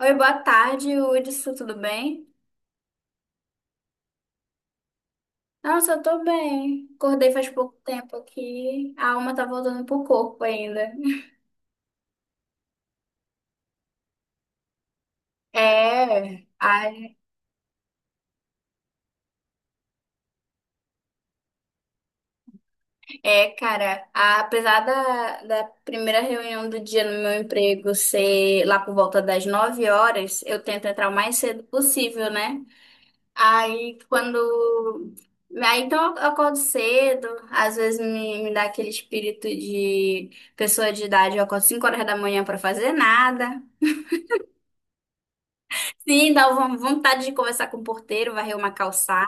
Oi, boa tarde, Hudson, tudo bem? Nossa, eu tô bem. Acordei faz pouco tempo aqui. A alma tá voltando pro corpo ainda. É, ai, cara, apesar da primeira reunião do dia no meu emprego ser lá por volta das 9 horas, eu tento entrar o mais cedo possível, né? Aí quando. Aí então eu acordo cedo, às vezes me dá aquele espírito de pessoa de idade, eu acordo 5 horas da manhã pra fazer nada. Sim, dá uma vontade de conversar com o porteiro, varrer uma calçada.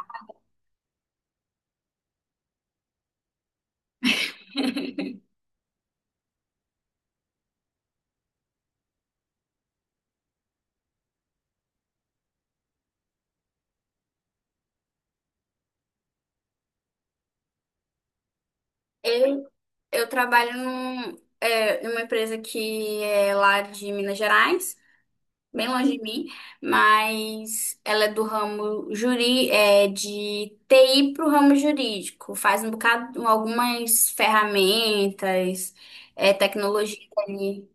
Eu, eu trabalho numa empresa que é lá de Minas Gerais, bem longe de mim, mas ela é do ramo de TI para o ramo jurídico. Faz um bocado, algumas ferramentas, tecnologia ali.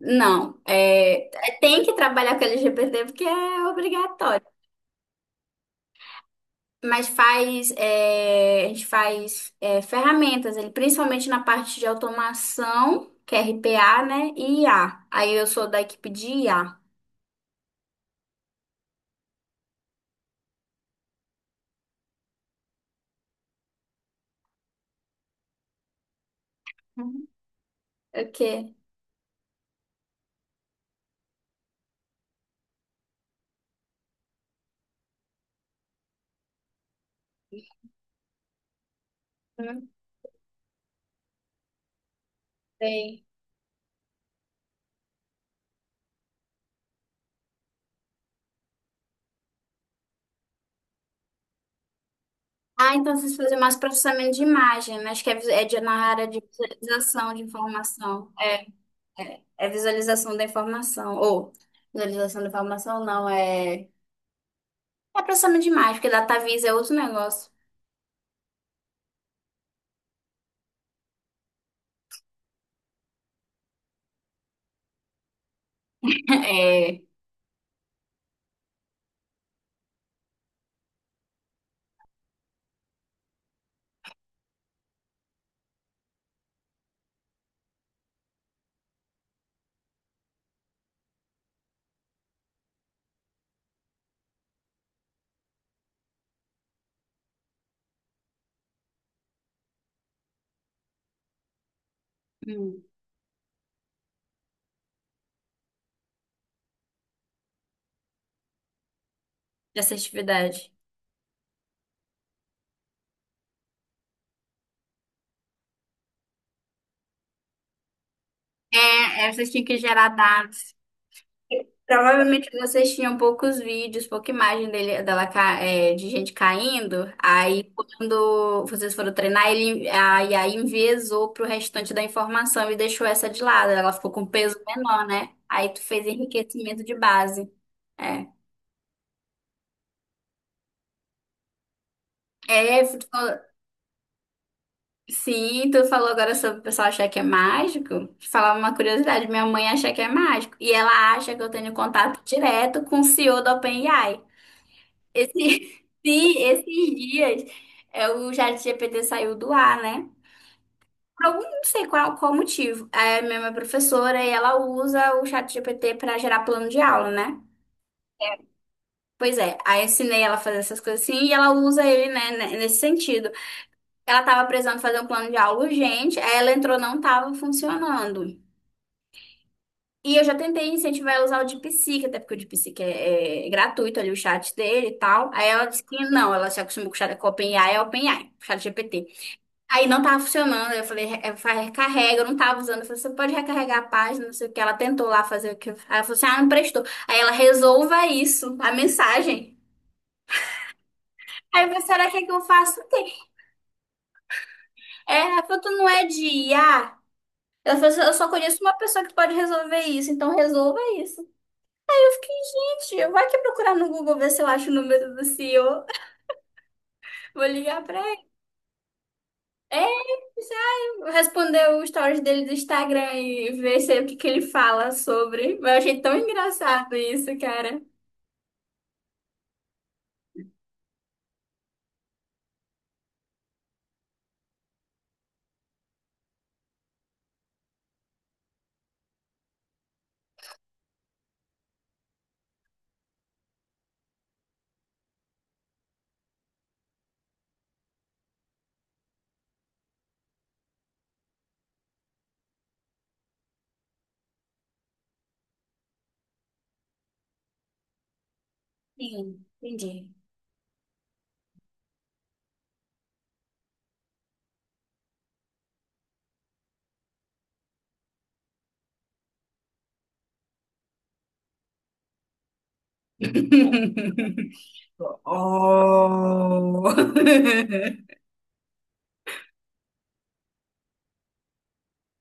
Não, é, é, tem que trabalhar com LGBT porque é obrigatório. Mas a gente faz ferramentas, ele, principalmente na parte de automação, que é RPA, né? E IA. Aí eu sou da equipe de IA. Uhum. O quê? Não sei. Ah, então vocês fazem mais processamento de imagem, né? Acho que é na área de visualização de informação. É, é visualização da informação. Ou visualização da informação, não, é, é processamento de imagem, porque DataVis é outro negócio. É. Hum. De assertividade. É, é, vocês tinham que gerar dados. Provavelmente vocês tinham poucos vídeos, pouca imagem dele, dela, ca- é, de gente caindo. Aí, quando vocês foram treinar, aí enviesou pro restante da informação e deixou essa de lado. Ela ficou com peso menor, né? Aí tu fez enriquecimento de base. É. É, tu falou- sim, tu falou agora sobre o pessoal achar que é mágico. Te falar uma curiosidade, minha mãe acha que é mágico. E ela acha que eu tenho contato direto com o CEO da OpenAI. Esse, sim, esses dias o ChatGPT saiu do ar, né? Por não sei qual motivo. É, a minha professora, e ela usa o ChatGPT para gerar plano de aula, né? Pois é, aí eu ensinei ela a fazer essas coisas assim e ela usa ele, nesse sentido. Ela tava precisando fazer um plano de aula urgente, aí ela entrou, não tava funcionando. E eu já tentei incentivar ela a usar o DeepSeek, até porque o DeepSeek é gratuito ali, o chat dele e tal. Aí ela disse que não, ela se acostumou com o chat com o OpenAI, o chat GPT. Aí não tava funcionando. Aí eu falei: recarrega, eu não tava usando." Eu falei: "Você pode recarregar a página, não sei o que. Ela tentou lá fazer Aí ela falou assim: "Ah, não prestou. Aí ela resolva isso, a mensagem." Aí eu falei: "Será que eu faço o quê?" É, ela falou: "Tu não é de IA?" Ela falou assim: "Eu só conheço uma pessoa que pode resolver isso, então resolva isso." Eu fiquei: "Gente, vai que procurar no Google ver se eu acho o número do CEO. Vou ligar pra ele. Responder o stories dele do Instagram e ver se, é o que, que ele fala sobre." Mas eu achei tão engraçado isso, cara. Sim, entendi. Oh!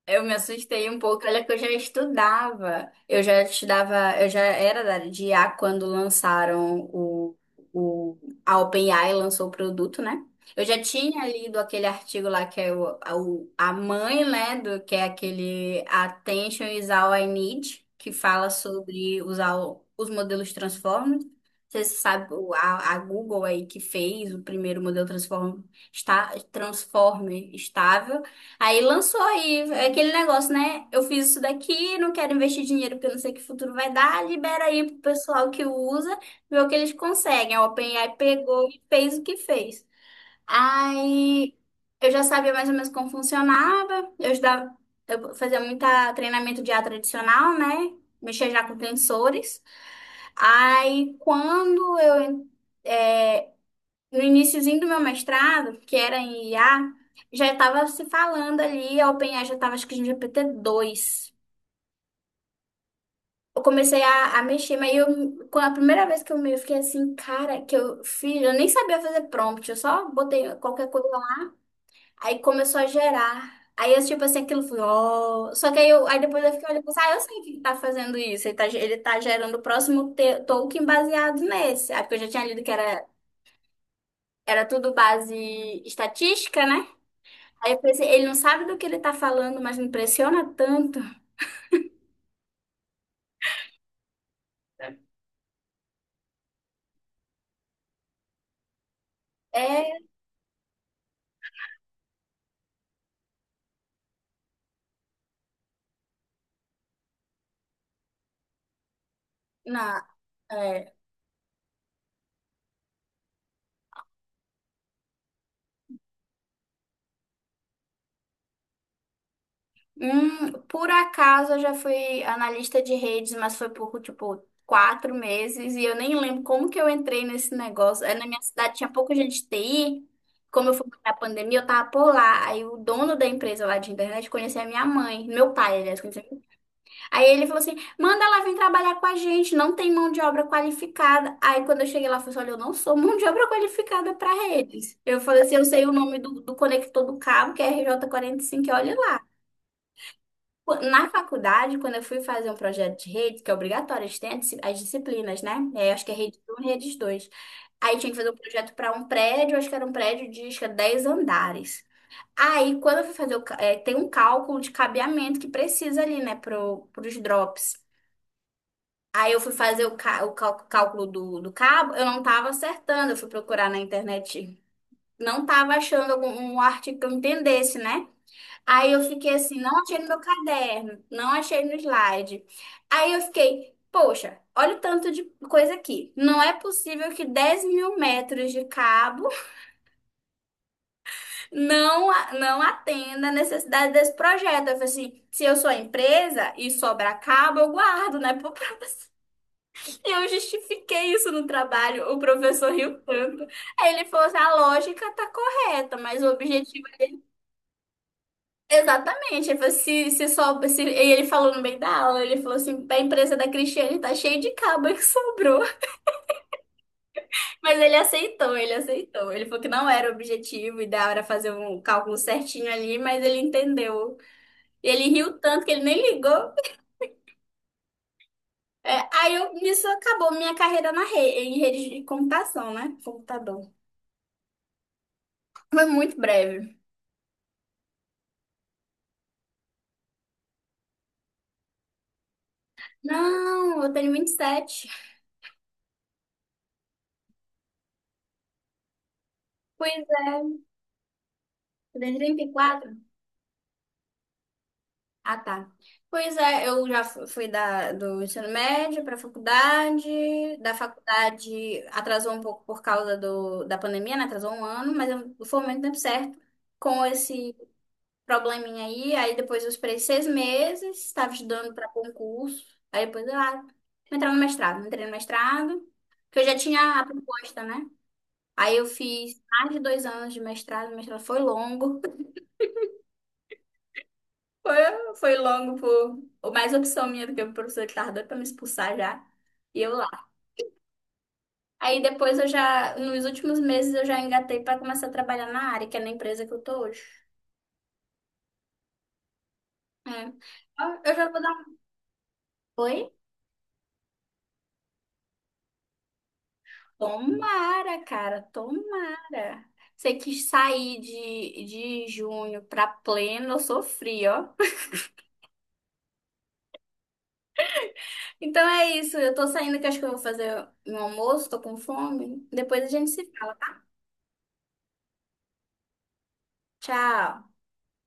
Eu me assustei um pouco, olha que eu já estudava. Eu já estudava, eu já era da área de IA quando lançaram o a OpenAI lançou o produto, né? Eu já tinha lido aquele artigo lá que é a mãe, né, do que é aquele Attention is All I Need, que fala sobre usar os modelos Transformers. Você sabe, a Google aí que fez o primeiro modelo Transformer estável. Aí lançou aí é aquele negócio, né? Eu fiz isso daqui, não quero investir dinheiro porque eu não sei que futuro vai dar. Libera aí pro pessoal que usa, vê o que eles conseguem. A OpenAI pegou e fez o que fez. Aí eu já sabia mais ou menos como funcionava. Eu estudava, eu fazia muito treinamento de IA tradicional, né? Mexia já com tensores. Aí no iniciozinho do meu mestrado, que era em IA, já estava se falando ali, a OpenAI já estava acho que em GPT 2. Eu comecei a mexer, com a primeira vez que eu fiquei assim, cara, que eu fiz, eu nem sabia fazer prompt, eu só botei qualquer coisa lá. Aí começou a gerar. Aí aquilo foi, ó. Só que aí depois eu fiquei olhando e pensei: "Ah, eu sei que ele tá fazendo isso, ele ele tá gerando o próximo token baseado nesse." Aí porque eu já tinha lido que era tudo base estatística, né? Aí eu pensei: ele não sabe do que ele tá falando, mas me impressiona tanto. É, na, é. Por acaso eu já fui analista de redes, mas foi por, tipo, 4 meses e eu nem lembro como que eu entrei nesse negócio. É, na minha cidade tinha pouca gente de TI, como eu fui na pandemia, eu tava por lá. Aí o dono da empresa lá de internet conhecia a minha mãe, meu pai, aliás, conhecia. Aí ele falou assim: manda ela vir trabalhar com a gente, não tem mão de obra qualificada. Aí quando eu cheguei lá, eu falei assim: olha, eu não sou mão de obra qualificada para redes. Eu falei assim: eu sei o nome do conector do cabo, que é RJ45, e olha lá. Na faculdade, quando eu fui fazer um projeto de rede, que é obrigatório, a gente tem as disciplinas, né? É, acho que é rede um, e redes 2. Aí tinha que fazer um projeto para um prédio, acho que era um prédio de acho que é 10 andares. Aí, quando eu fui fazer tem um cálculo de cabeamento que precisa ali, né, pros drops. Aí eu fui fazer o, cá- o cal- cálculo do cabo, eu não tava acertando, eu fui procurar na internet, não tava achando algum um artigo que eu entendesse, né? Aí eu fiquei assim, não achei no meu caderno, não achei no slide. Aí eu fiquei: poxa, olha o tanto de coisa aqui. Não é possível que 10 mil metros de cabo não atenda a necessidade desse projeto. Eu falei assim: se eu sou a empresa e sobrar cabo, eu guardo, né? Eu justifiquei isso no trabalho, o professor riu tanto. Aí ele falou assim: a lógica tá correta, mas o objetivo... é exatamente, ele falou, se só... Se... E ele falou no meio da aula, ele falou assim: a empresa da Cristiane tá cheia de cabo que sobrou. Mas ele aceitou, ele aceitou. Ele falou que não era o objetivo, e da hora fazer um cálculo certinho ali, mas ele entendeu. E ele riu tanto que ele nem ligou. É, aí eu, nisso acabou minha carreira na rede, em rede de computação, né? Computador. Foi muito breve. Não, eu tenho 27. Pois é, tu tem 34. Ah, tá. Pois é, eu já fui do ensino médio para faculdade. Da faculdade atrasou um pouco por causa da pandemia, né? Atrasou 1 ano, mas eu formei no tempo certo com esse probleminha aí. Aí depois eu esperei 6 meses, estava estudando para concurso. Aí depois eu ah, vou entrar no mestrado. Entrei no mestrado, que eu já tinha a proposta, né? Aí eu fiz mais de 2 anos de mestrado, o mestrado foi longo. Foi, foi longo, por mais opção minha do que o professor que tava doido pra me expulsar já. E eu lá. Aí depois eu já, nos últimos meses, eu já engatei pra começar a trabalhar na área, que é na empresa que eu tô hoje. É. Ó, eu já vou dar. Um? Oi? Tomara, cara, tomara. Você quis sair de junho pra pleno, eu sofri, ó. Então é isso, eu tô saindo que acho que eu vou fazer um almoço, tô com fome. Depois a gente se fala. Tchau.